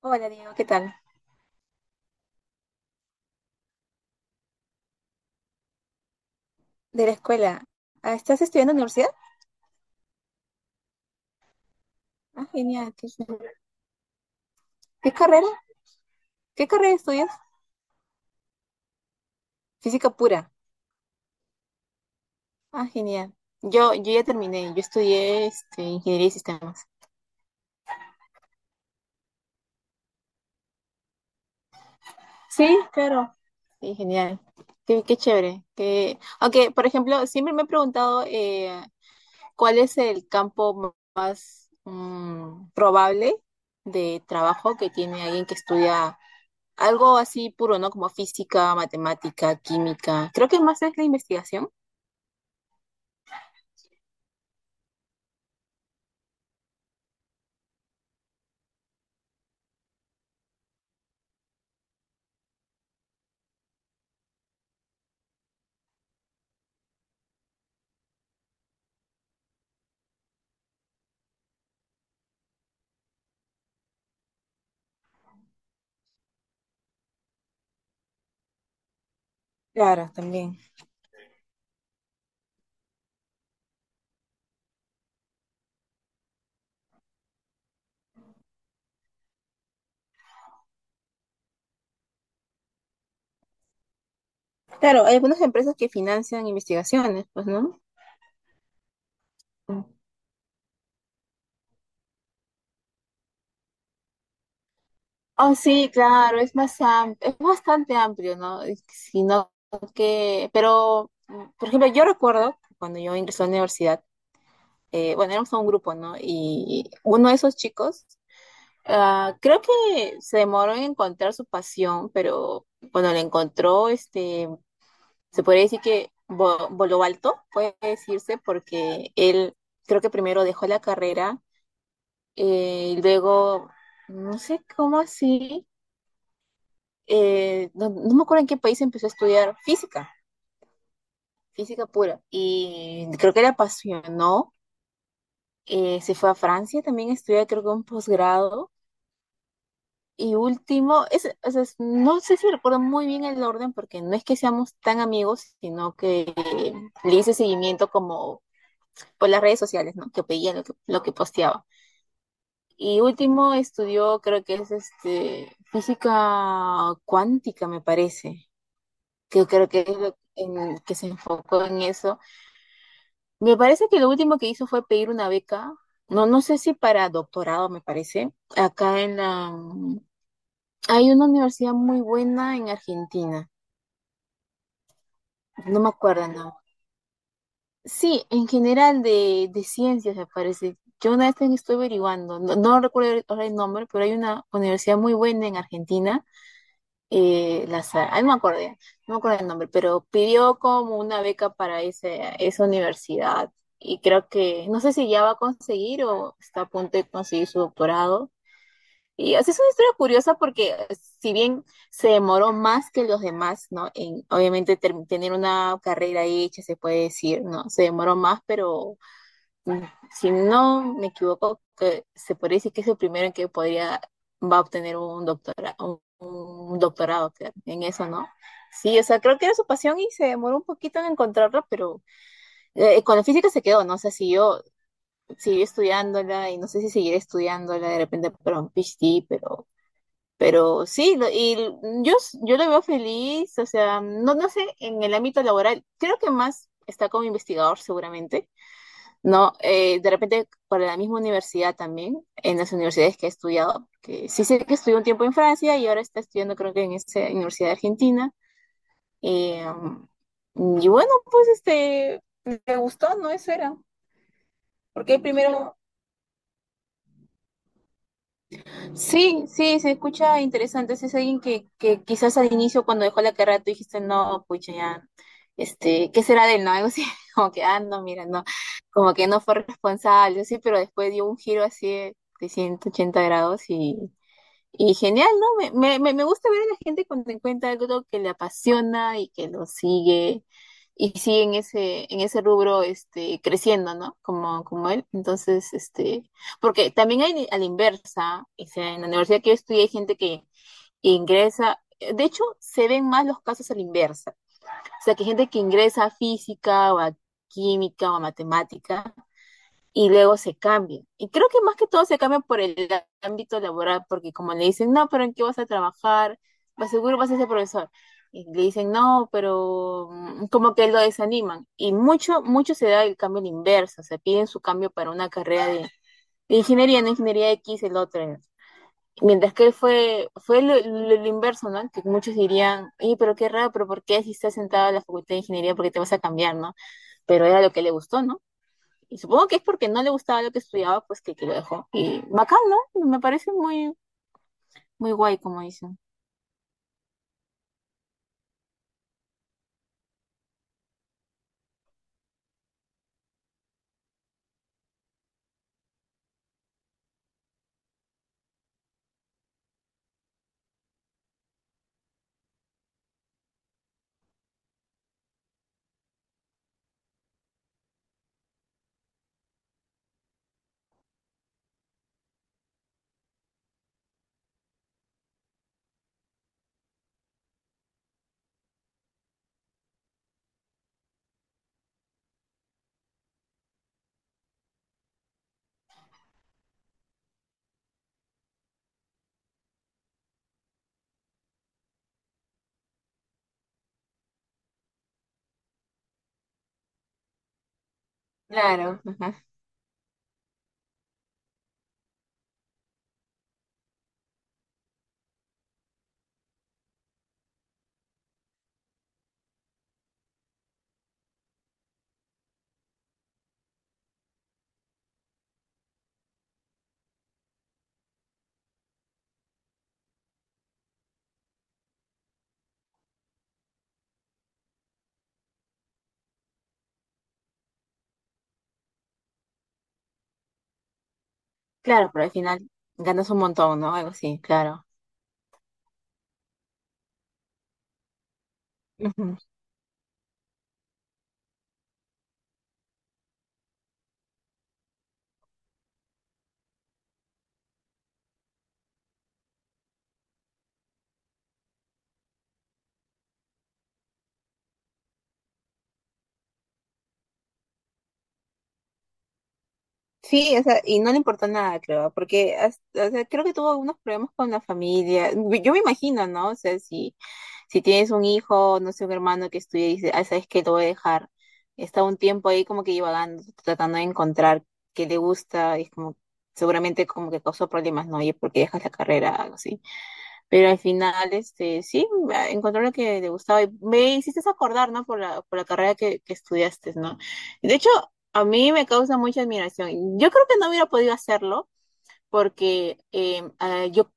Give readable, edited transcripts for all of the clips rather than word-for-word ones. Hola, Diego, ¿qué tal? De la escuela. Ah, ¿estás estudiando en la universidad? Ah, genial. Chévere. ¿Qué carrera? ¿Qué carrera estudias? Física pura. Ah, genial. Yo ya terminé. Yo estudié ingeniería y sistemas. Sí, claro. Sí, genial. Qué chévere. Que Aunque, por ejemplo, siempre me he preguntado cuál es el campo más probable de trabajo que tiene alguien que estudia algo así puro, ¿no? Como física, matemática, química. Creo que más es la investigación. Claro, también. Claro, hay algunas empresas que financian investigaciones, pues, ¿no? Mm. Oh, sí, claro, es bastante amplio, ¿no? Sino que, pero, por ejemplo, yo recuerdo cuando yo ingresé a la universidad, bueno, éramos un grupo, ¿no? Y uno de esos chicos, creo que se demoró en encontrar su pasión, pero cuando la encontró, se podría decir que voló alto, puede decirse, porque él creo que primero dejó la carrera y luego, no sé cómo así, no me acuerdo en qué país empezó a estudiar física, física pura, y creo que le apasionó, se fue a Francia también a estudiar creo que un posgrado. Y último, es, o sea, no sé si recuerdo muy bien el orden porque no es que seamos tan amigos, sino que le hice seguimiento como por las redes sociales, ¿no? Que pedía lo que posteaba. Y último estudió, creo que es física cuántica, me parece, que creo que que se enfocó en eso. Me parece que lo último que hizo fue pedir una beca, no, no sé si para doctorado, me parece, acá en la... Hay una universidad muy buena en Argentina, no me acuerdo, no. Sí, en general de ciencias me parece. Yo una vez también estoy averiguando, no, no recuerdo ahora el nombre, pero hay una universidad muy buena en Argentina, no me acuerdo, ya, no me acuerdo el nombre, pero pidió como una beca para esa universidad y creo que, no sé si ya va a conseguir o está a punto de conseguir su doctorado. Y así es una historia curiosa porque si bien se demoró más que los demás, ¿no? En, obviamente tener una carrera hecha, se puede decir, ¿no? Se demoró más, pero mm, si no me equivoco, que se podría decir que es el primero en que podría, va a obtener un doctorado creo, en eso, ¿no? Sí, o sea, creo que era su pasión y se demoró un poquito en encontrarla, pero con la física se quedó, ¿no? O sea, siguió, siguió estudiándola y no sé si seguiré estudiándola de repente para un PhD, pero sí, yo lo veo feliz, o sea, no, no sé, en el ámbito laboral, creo que más está como investigador seguramente, no, de repente para la misma universidad también, en las universidades que he estudiado, que sí sé que estudió un tiempo en Francia y ahora está estudiando creo que en esa Universidad de Argentina. Eh, y bueno, pues me gustó, ¿no? Eso era. Porque primero sí, sí, se escucha interesante. Si es alguien que quizás al inicio cuando dejó la carrera tú dijiste, no, pucha, ya, ¿qué será de él? No, algo así, como que, ah, no, mira, no, como que no fue responsable, sí, pero después dio un giro así de 380 grados y genial, ¿no? Me gusta ver a la gente cuando encuentra algo que le apasiona y que lo sigue y sigue en en ese rubro creciendo, ¿no? Como, como él. Entonces, porque también hay a la inversa, o sea, en la universidad que yo estudié hay gente que ingresa, de hecho, se ven más los casos a la inversa. O sea, que gente que ingresa a física o a química o a matemática y luego se cambian. Y creo que más que todo se cambian por el ámbito laboral, porque como le dicen, no, pero ¿en qué vas a trabajar? Pues seguro vas a ser profesor. Y le dicen, no, pero como que lo desaniman. Y mucho, mucho se da el cambio al inverso, se piden su cambio para una carrera de ingeniería, no ingeniería X, el otro. ¿No? Mientras que él fue, fue lo inverso, ¿no? Que muchos dirían, oye, pero qué raro, pero ¿por qué si estás sentado en la facultad de ingeniería, por qué te vas a cambiar, ¿no? Pero era lo que le gustó, ¿no? Y supongo que es porque no le gustaba lo que estudiaba, pues que lo dejó. Y bacán, ¿no? Me parece muy, muy guay, como dicen. Claro. Ajá. Claro, pero al final ganas un montón, ¿no? Algo así, claro. Ujú. Sí, o sea, y no le importó nada, creo, porque hasta- o sea, creo que tuvo algunos problemas con la familia. Yo me imagino, ¿no? O sea, si tienes un hijo, no sé, un hermano que estudia y dice, ah, sabes que lo voy a dejar, está un tiempo ahí como que divagando, tratando de encontrar qué le gusta, y es como, seguramente como que causó problemas, ¿no? Oye, ¿por qué dejas la carrera? Algo así. Pero al final, sí, ah, encontró lo que le gustaba y me hiciste acordar, ¿no? Por por la carrera que estudiaste, ¿no? De hecho, a mí me causa mucha admiración. Yo creo que no hubiera podido hacerlo porque yo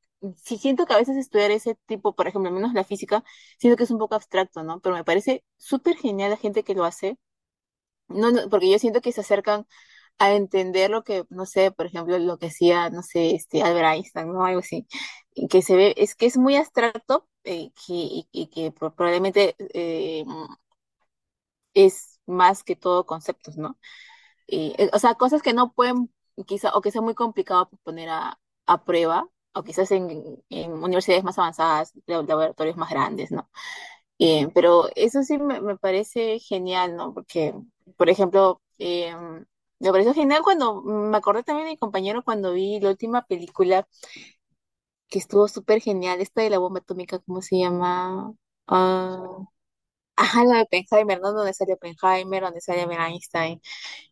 sí siento que a veces estudiar ese tipo, por ejemplo, al menos la física, siento que es un poco abstracto, ¿no? Pero me parece súper genial la gente que lo hace, no, no, porque yo siento que se acercan a entender lo que, no sé, por ejemplo, lo que hacía, no sé, Albert Einstein, ¿no? Algo así, y que se ve, es que es muy abstracto y que probablemente es más que todo conceptos, ¿no? Y, o sea, cosas que no pueden, quizá, o que sea muy complicado poner a prueba, o quizás en universidades más avanzadas, laboratorios más grandes, ¿no? Pero eso sí me parece genial, ¿no? Porque, por ejemplo, me pareció genial cuando, me acordé también de mi compañero cuando vi la última película que estuvo súper genial, esta de la bomba atómica, ¿cómo se llama? Ah, ajá, la de Oppenheimer, ¿no? Donde sale Oppenheimer, donde sale Einstein.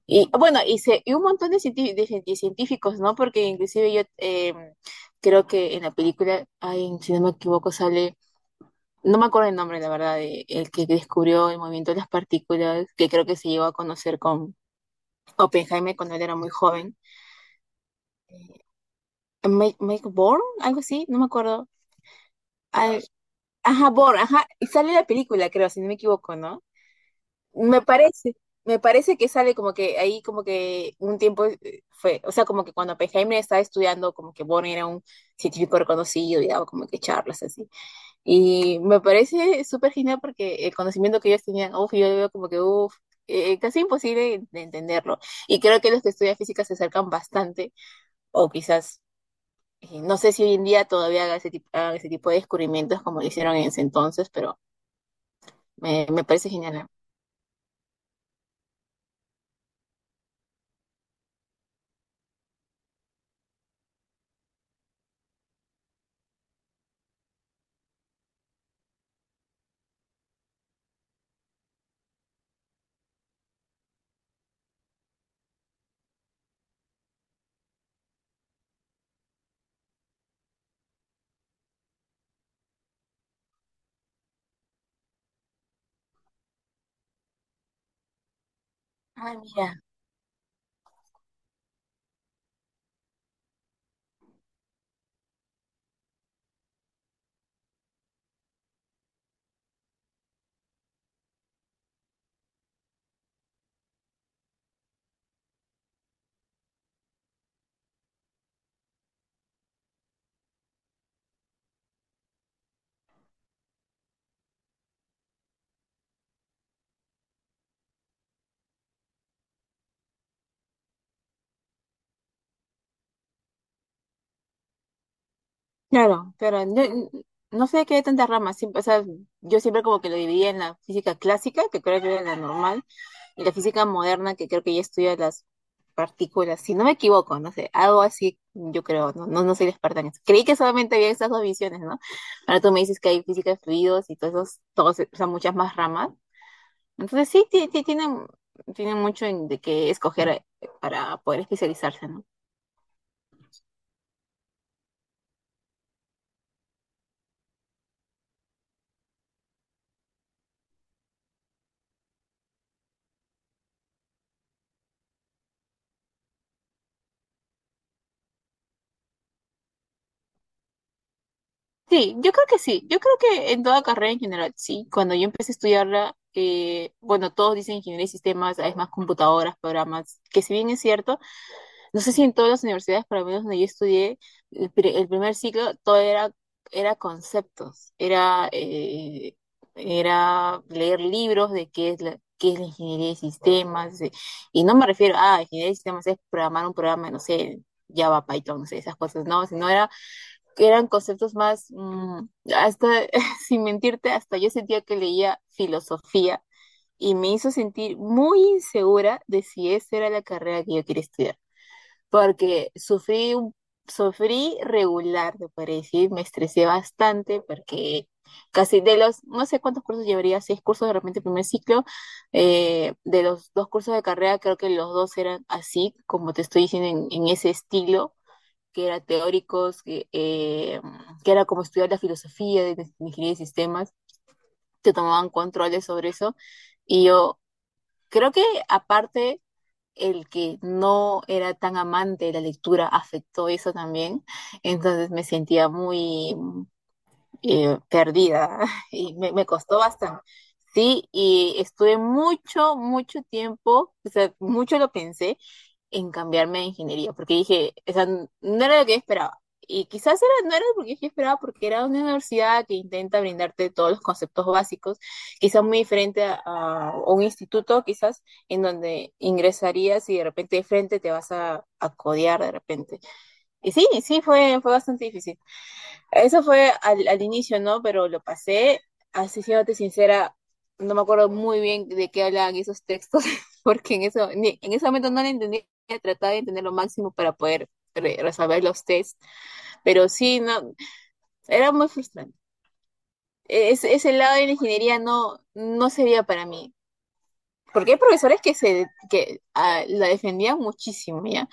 Y bueno, y un montón de científicos, ¿no? Porque inclusive yo creo que en la película, ay, si no me equivoco, sale, no me acuerdo el nombre, la verdad, el que descubrió el movimiento de las partículas, que creo que se llegó a conocer con Oppenheimer cuando él era muy joven. Mike Born, algo así, no me acuerdo. Al- ajá, Born, ajá, y sale la película, creo, si no me equivoco, ¿no? Me parece, me parece que sale como que ahí como que un tiempo fue, o sea, como que cuando Oppenheimer estaba estudiando, como que Bonner era un científico reconocido y daba como que charlas así. Y me parece súper genial porque el conocimiento que ellos tenían, uff, yo veo como que, uff, casi imposible de entenderlo. Y creo que los que estudian física se acercan bastante, o quizás, no sé si hoy en día todavía hagan ese tipo de descubrimientos como lo hicieron en ese entonces, pero me parece genial. Ah, mira. Claro, claro. No, no sé qué hay tantas ramas. Siempre, o sea, yo siempre como que lo dividía en la física clásica, que creo que era la normal, y la física moderna, que creo que ya estudia las partículas. Si no me equivoco, no sé, algo así, yo creo, no, no, no soy la experta en eso. Creí que solamente había esas dos visiones, ¿no? Ahora tú me dices que hay física de fluidos y todos esos, todos, o sea, muchas más ramas. Entonces sí, tienen tiene mucho de qué escoger para poder especializarse, ¿no? Sí, yo creo que sí. Yo creo que en toda carrera en general, sí. Cuando yo empecé a estudiarla, bueno, todos dicen ingeniería y sistemas, es más computadoras, programas, que si bien es cierto, no sé si en todas las universidades, por lo menos donde yo estudié, el, el primer ciclo, todo era, era conceptos, era, era leer libros de qué es qué es la ingeniería de sistemas. Y no me refiero a ingeniería de sistemas es programar un programa, no sé, Java, Python, no sé, esas cosas, no, sino era eran conceptos más, hasta, sin mentirte, hasta yo sentía que leía filosofía y me hizo sentir muy insegura de si esa era la carrera que yo quería estudiar, porque sufrí regular, te podría decir, me estresé bastante porque casi de los, no sé cuántos cursos llevaría, 6 cursos de repente primer ciclo, de los dos cursos de carrera creo que los dos eran así, como te estoy diciendo, en ese estilo que eran teóricos, que era como estudiar la filosofía de ingeniería de sistemas, te tomaban controles sobre eso. Y yo creo que aparte el que no era tan amante de la lectura afectó eso también, entonces me sentía muy perdida y me costó bastante. Sí, y estuve mucho, mucho tiempo, o sea, mucho lo pensé en cambiarme a ingeniería, porque dije, o sea, no era lo que yo esperaba. Y quizás era, no era lo que yo esperaba, porque era una universidad que intenta brindarte todos los conceptos básicos, quizás muy diferente a un instituto, quizás en donde ingresarías y de repente de frente te vas a codear de repente. Y sí, sí, fue, fue bastante difícil. Eso fue al inicio, ¿no? Pero lo pasé, así siéndote sincera, no me acuerdo muy bien de qué hablaban esos textos, porque en eso, en ese momento no lo entendía, trataba de entender lo máximo para poder resolver los tests, pero sí, no, era muy frustrante. Ese ese lado de la ingeniería no, no sería para mí, porque hay profesores que ah, la defendían muchísimo, ¿ya?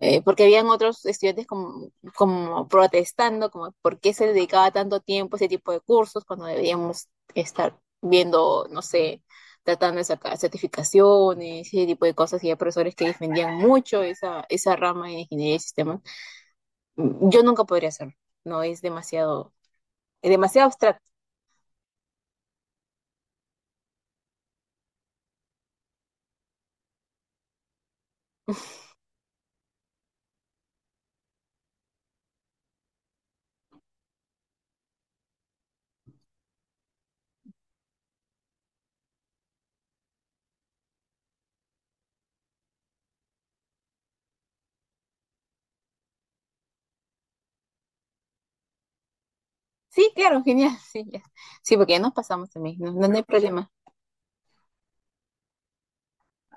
porque habían otros estudiantes como, como protestando, como por qué se dedicaba tanto tiempo a ese tipo de cursos cuando deberíamos estar viendo, no sé, tratando de sacar certificaciones, ese tipo de cosas, y hay profesores que defendían mucho esa rama en ingeniería de sistemas. Yo nunca podría hacerlo, no es demasiado, es demasiado abstracto. Sí, claro, genial, sí, ya. Sí, porque ya nos pasamos también, no, no no hay problema.